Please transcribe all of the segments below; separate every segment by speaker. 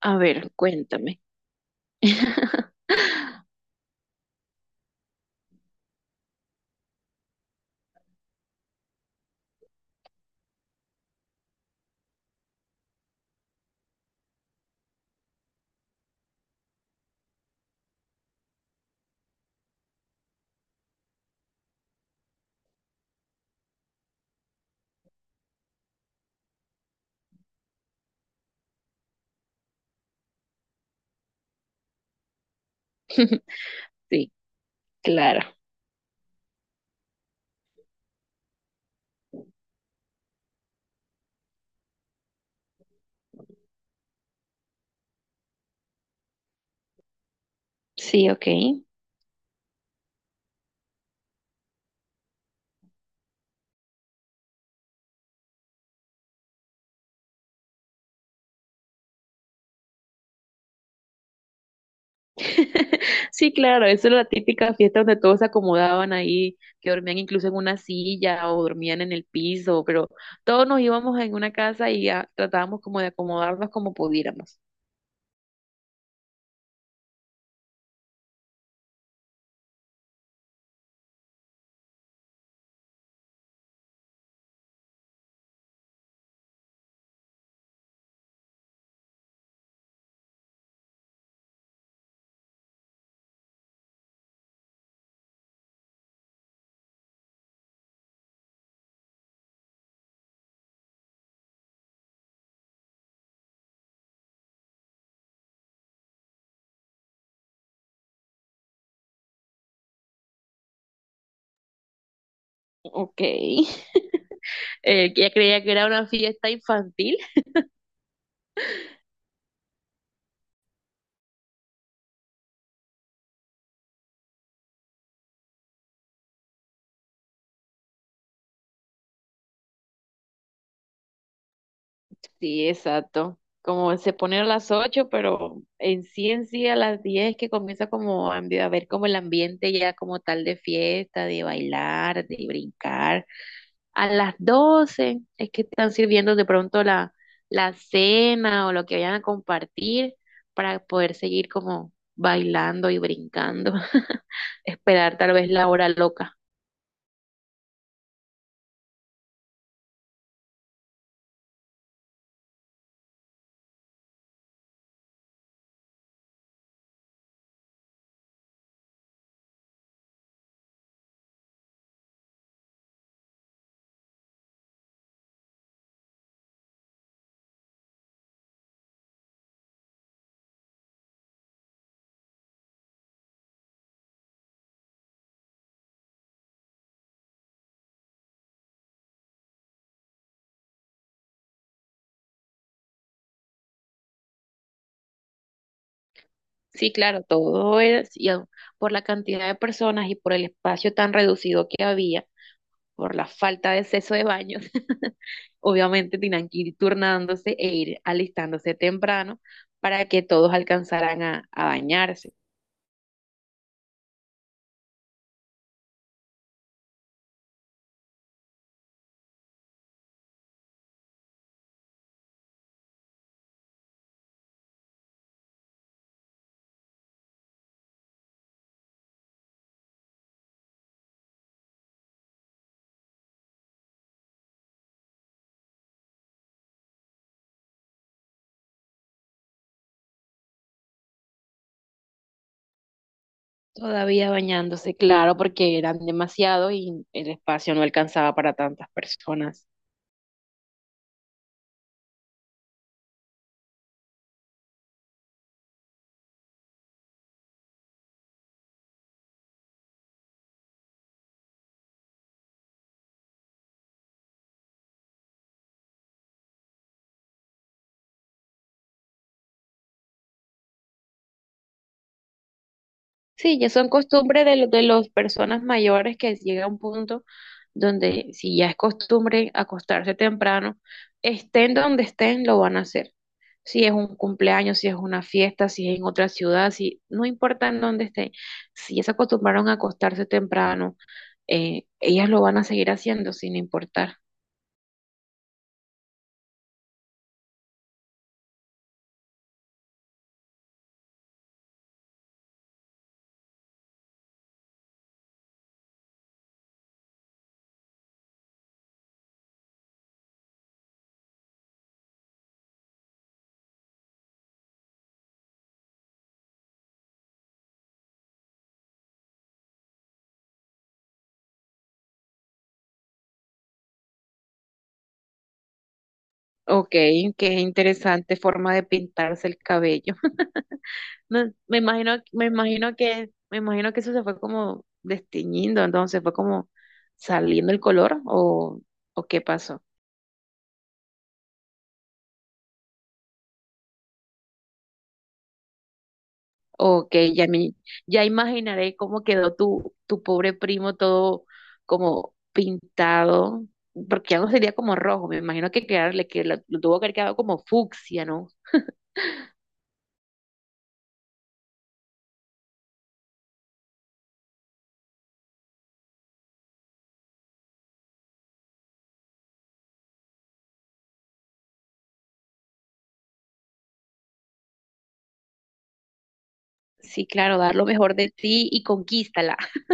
Speaker 1: A ver, cuéntame. Sí, claro. Sí, ok. Sí, claro, eso era la típica fiesta donde todos se acomodaban ahí, que dormían incluso en una silla o dormían en el piso, pero todos nos íbamos en una casa y ah, tratábamos como de acomodarnos como pudiéramos. Ok. Ya creía que era una fiesta infantil. Sí, exacto. Como se pone a las 8, pero en sí a las 10 que comienza como a a ver como el ambiente ya como tal de fiesta, de bailar, de brincar. A las 12 es que están sirviendo de pronto la cena o lo que vayan a compartir para poder seguir como bailando y brincando. Esperar tal vez la hora loca. Sí, claro, todo es y, ah, por la cantidad de personas y por el espacio tan reducido que había por la falta de acceso de baños, obviamente tenían que ir turnándose e ir alistándose temprano para que todos alcanzaran a bañarse. Todavía bañándose, claro, porque eran demasiados y el espacio no alcanzaba para tantas personas. Sí, ya son costumbre de, de las personas mayores que llega a un punto donde si ya es costumbre acostarse temprano, estén donde estén, lo van a hacer. Si es un cumpleaños, si es una fiesta, si es en otra ciudad, si no importa en dónde estén, si ya se acostumbraron a acostarse temprano, ellas lo van a seguir haciendo sin importar. Ok, qué interesante forma de pintarse el cabello. No, me imagino que eso se fue como desteñiendo, entonces fue como saliendo el color, o qué pasó, o que ya me, ya imaginaré cómo quedó tu pobre primo todo como pintado, porque ya no sería como rojo, me imagino que quedarle, que lo tuvo que haber quedado como fucsia, ¿no? Sí, claro, dar lo mejor de ti y conquístala.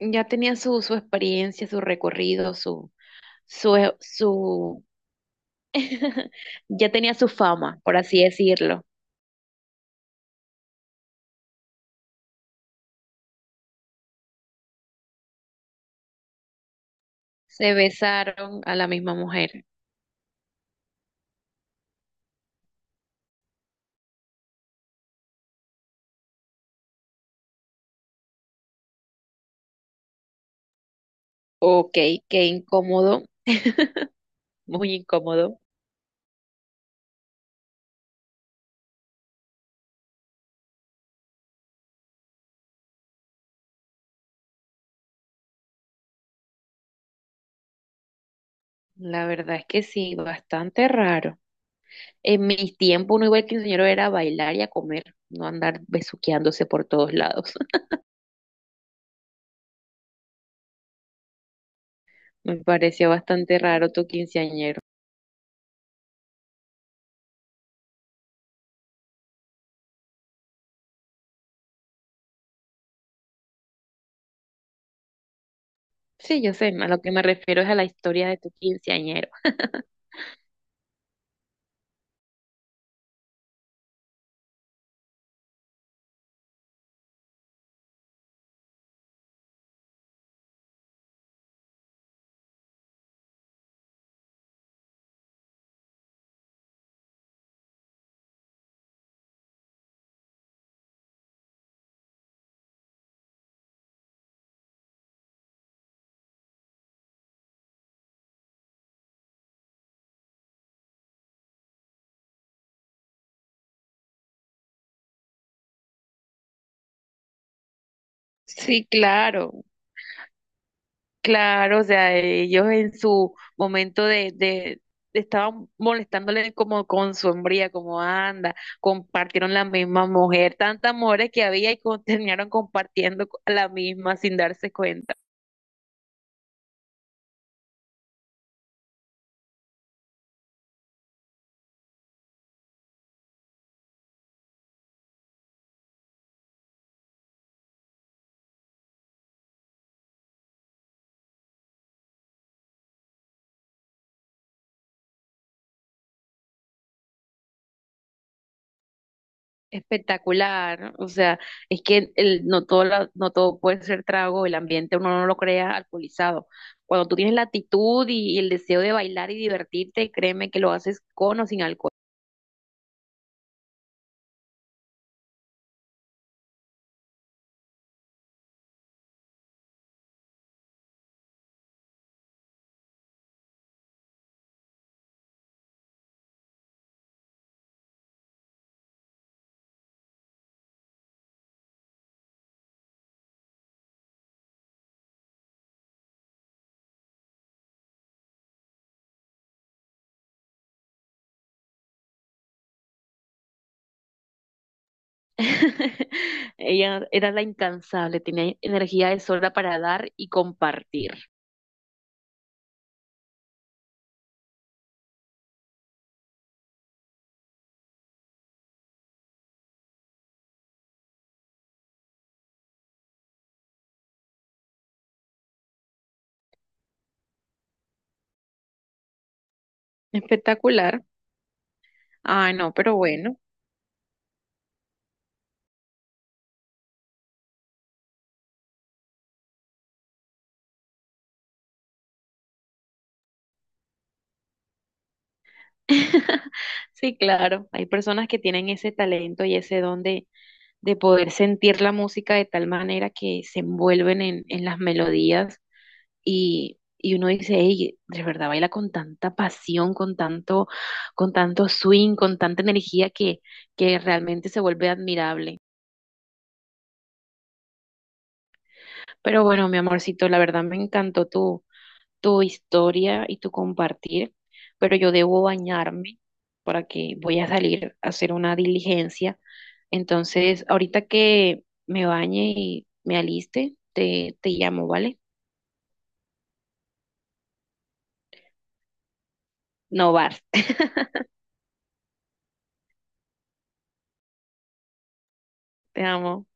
Speaker 1: Ya tenía su experiencia, su recorrido, su, su. Ya tenía su fama, por así decirlo. Se besaron a la misma mujer. Ok, qué incómodo, muy incómodo. La verdad es que sí, bastante raro. En mis tiempos, uno igual que quinceañero era bailar y a comer, no andar besuqueándose por todos lados. Me pareció bastante raro tu quinceañero. Sí, yo sé, a lo que me refiero es a la historia de tu quinceañero. Sí, claro. Claro, o sea, ellos en su momento estaban molestándole como con su hombría, como anda, compartieron la misma mujer, tantas mujeres que había y terminaron compartiendo la misma sin darse cuenta. Espectacular, ¿no? O sea, es que el, no no todo puede ser trago, el ambiente uno no lo crea alcoholizado. Cuando tú tienes la actitud y el deseo de bailar y divertirte, créeme que lo haces con o sin alcohol. Ella era la incansable, tenía energía de sobra para dar y compartir. Espectacular. Ay, no, pero bueno. Sí, claro, hay personas que tienen ese talento y ese don de poder sentir la música de tal manera que se envuelven en las melodías y uno dice, hey, de verdad baila con tanta pasión, con tanto swing, con tanta energía que realmente se vuelve admirable. Pero bueno, mi amorcito, la verdad me encantó tu historia y tu compartir, pero yo debo bañarme para que voy a salir a hacer una diligencia. Entonces, ahorita que me bañe y me aliste, te llamo, ¿vale? No vas, te amo.